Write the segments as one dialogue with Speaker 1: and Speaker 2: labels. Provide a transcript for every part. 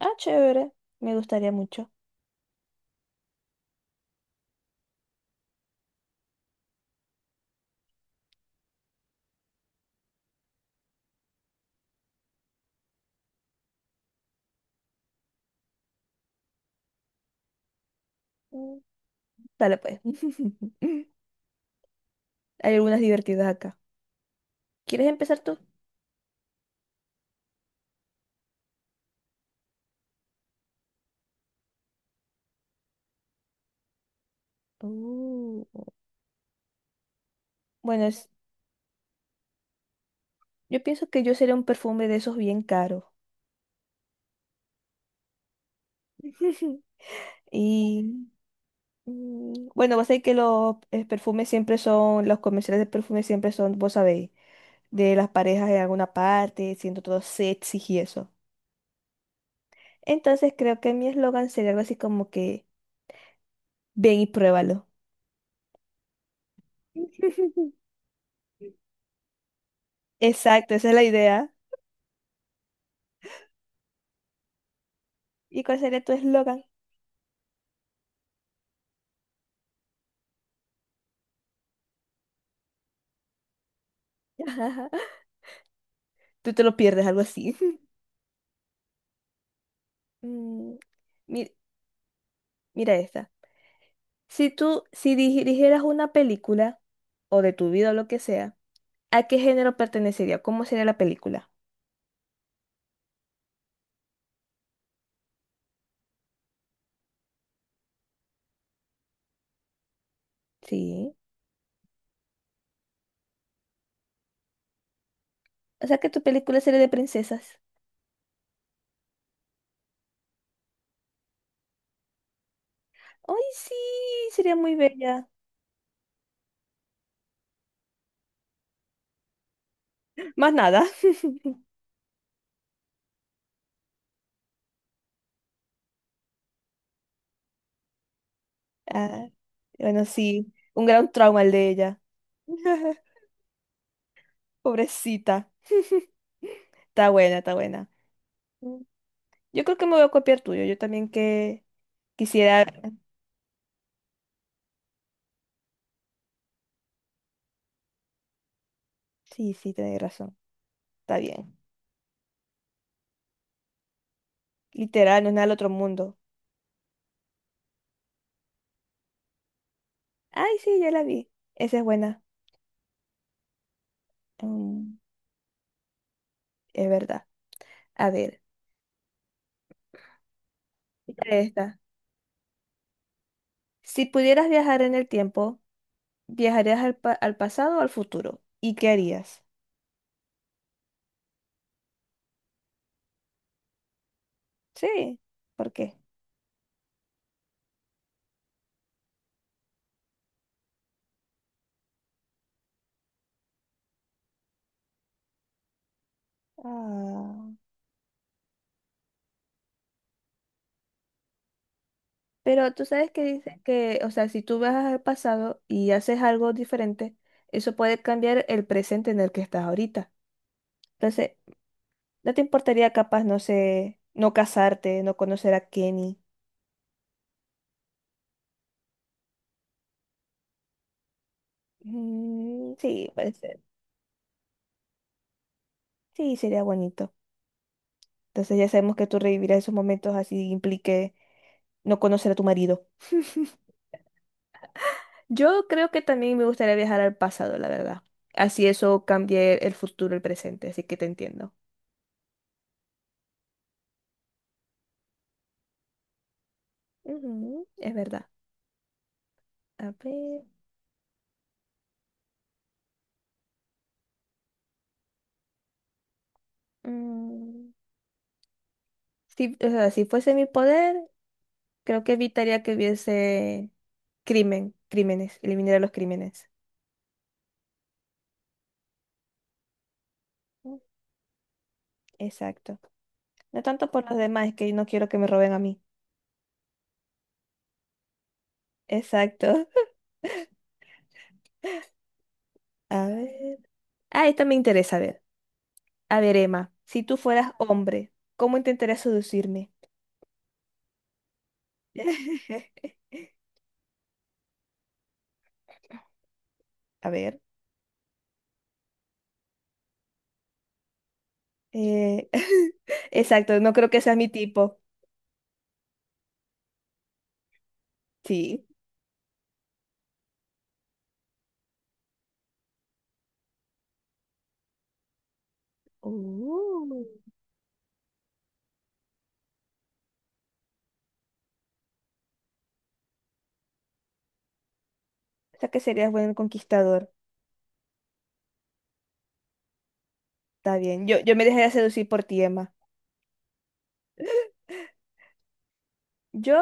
Speaker 1: Ah, chévere. Me gustaría mucho. Mm, Dale pues. Hay algunas divertidas acá. ¿Quieres empezar tú? Uh, Bueno, yo pienso que yo sería un perfume de esos bien caros. Y bueno, vos sabés que los perfumes siempre son, los comerciales de perfumes siempre son, vos sabéis, de las parejas en alguna parte, siendo todo sexy y eso. Entonces creo que mi eslogan sería algo así como que, ven y pruébalo. Exacto, esa es la idea. ¿Y cuál sería tu eslogan? Tú te lo pierdes, algo así. Mm, mi- mira esta. Si tú, si dirigieras una película, o de tu vida o lo que sea, ¿a qué género pertenecería? ¿Cómo sería la película? Sí. O sea que tu película sería de princesas. ¡Ay, sí! Sería muy bella. Más nada. Ah, bueno, sí. Un gran trauma el de ella. Pobrecita. Está buena, está buena. Mm. Yo creo que me voy a copiar tuyo. Yo también que Quisiera. Sí, sí, tenés razón. Está bien. Literal, no es nada del otro mundo. Ay, sí, ya la vi. Esa es buena. Mm, es verdad. A ver, mira esta. Si pudieras viajar en el tiempo, ¿viajarías al, al pasado o al futuro? ¿Y qué harías? Sí, ¿por qué? Ah, pero tú sabes que dicen que, o sea, si tú viajas al pasado y haces algo diferente, eso puede cambiar el presente en el que estás ahorita. Entonces, ¿no te importaría capaz, no sé, no casarte, no conocer a Kenny? Mm, sí, puede ser. Sí, sería bonito. Entonces ya sabemos que tú revivirás esos momentos así implique no conocer a tu marido. Yo creo que también me gustaría viajar al pasado, la verdad. Así eso cambie el futuro, el presente, así que te entiendo. Ujú, es verdad. A ver. mm, si, o sea, si fuese mi poder, creo que evitaría que hubiese crimen, crímenes, eliminaría los crímenes. Mm, Exacto. No tanto por los demás, es que no quiero que me roben a mí. Exacto. A ver. Ah, esta me interesa, a ver. A ver, Emma, si tú fueras hombre, ¿cómo intentarías seducirme? A ver. eh, Exacto, no creo que sea mi tipo. Sí. Uh. O sea que serías buen conquistador. Está bien. Yo me dejaría seducir por ti, Emma. Yo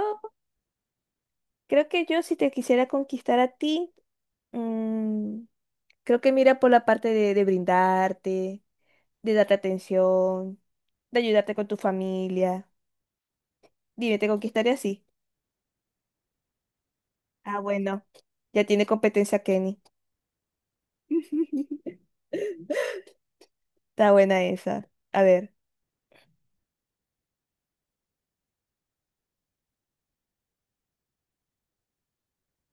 Speaker 1: creo que yo si te quisiera conquistar a ti, mm, creo que mira por la parte de brindarte de darte atención, de ayudarte con tu familia. Dime, ¿te conquistaré así? Ah, bueno, ya tiene competencia Kenny. Está buena esa. A ver,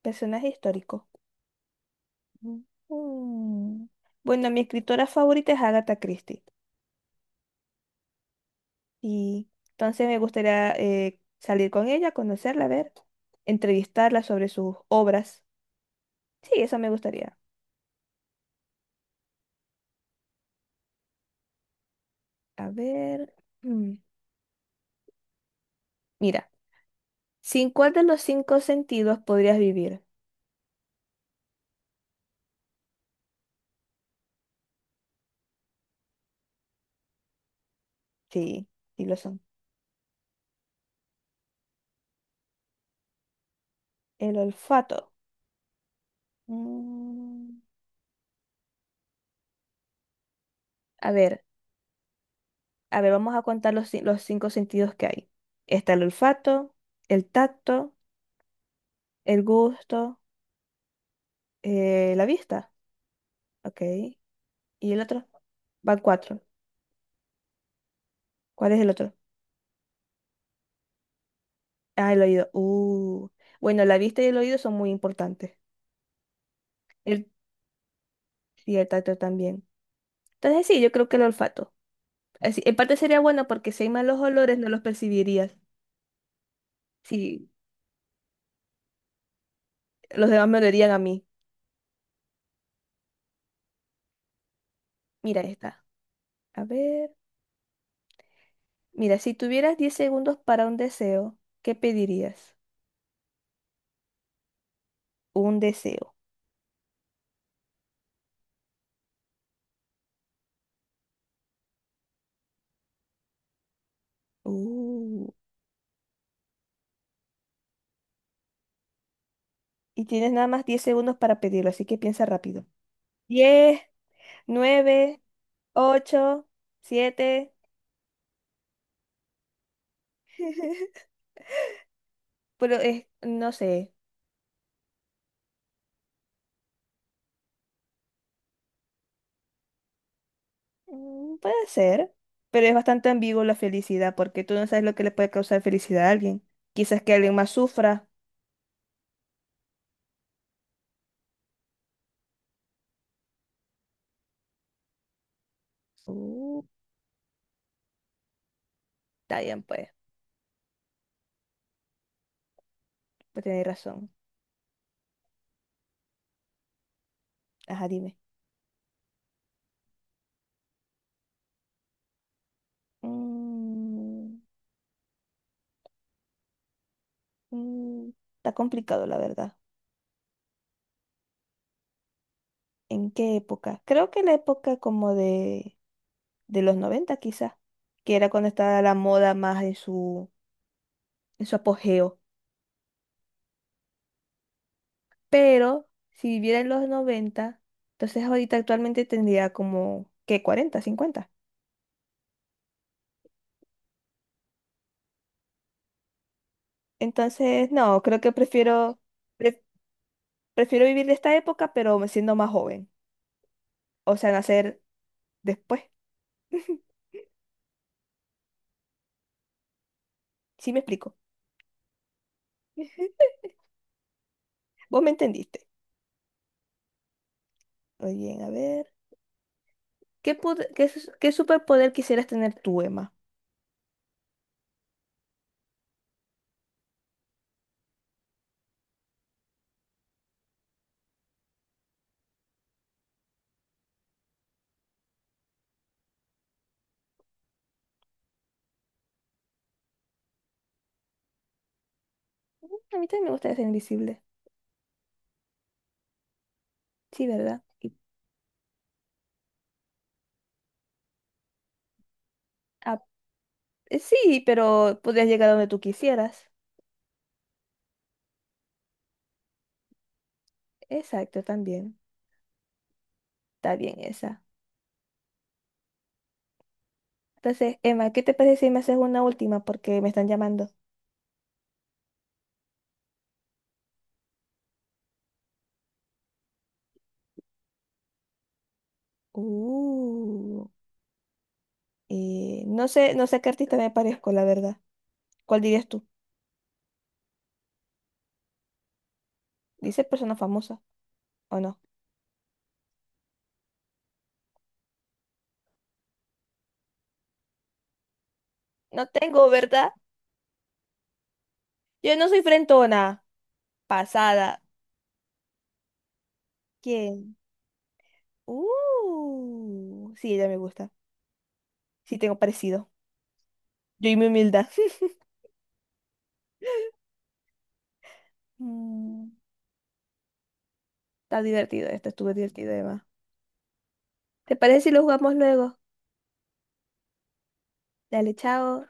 Speaker 1: personaje histórico. Mm. Bueno, mi escritora favorita es Agatha Christie. Y entonces me gustaría salir con ella, conocerla, a ver, entrevistarla sobre sus obras. Sí, eso me gustaría. A ver. mm, Mira, ¿sin cuál de los cinco sentidos podrías vivir? Sí, sí lo son. ¿El olfato? Mm, a ver, a ver, vamos a contar los cinco sentidos que hay. Está el olfato, el tacto, el gusto, la vista. Ok. ¿Y el otro? Van cuatro. ¿Cuál es el otro? Ah, el oído. Bueno, la vista y el oído son muy importantes. El, y el tacto también. Entonces sí, yo creo que el olfato. Así, en parte sería bueno porque si hay malos olores no los percibirías. Sí, los demás me olerían a mí. Mira esta. A ver. Mira, si tuvieras 10 segundos para un deseo, ¿qué pedirías? Un deseo. Uh, Y tienes nada más 10 segundos para pedirlo, así que piensa rápido. 10, 9, 8, 7. Pero es, no sé, puede ser, pero es bastante ambiguo la felicidad, porque tú no sabes lo que le puede causar felicidad a alguien. Quizás que alguien más sufra. Uh, Está bien, pues, pues tenéis razón. Ajá, dime. Mm, mm, Está complicado, la verdad. ¿En qué época? Creo que la época como de los 90 quizás, que era cuando estaba la moda más en su apogeo. Pero si viviera en los 90, entonces ahorita actualmente tendría como, ¿qué? Cuarenta, 50. Entonces, no, creo que prefiero, pre- prefiero vivir de esta época, pero siendo más joven. O sea, nacer después. Sí me explico. Vos me entendiste. Muy bien, a ver. ¿Qué, pod- qué, su- qué superpoder quisieras tener tú, Emma? A mí también me gustaría ser invisible. Sí, ¿verdad? Ah, sí, pero podrías llegar a donde tú quisieras. Exacto, también. Está bien esa. Entonces, Emma, ¿qué te parece si me haces una última? Porque me están llamando. Uh, no sé, no sé a qué artista me parezco, la verdad. ¿Cuál dirías tú? ¿Dice persona famosa o no? No tengo, ¿verdad? Yo no soy frentona. Pasada. ¿Quién? Sí, ella me gusta. Sí, tengo parecido. Yo y mi humildad. Mm. Está divertido esto, estuvo divertido, Eva. ¿Te parece si lo jugamos luego? Dale, chao.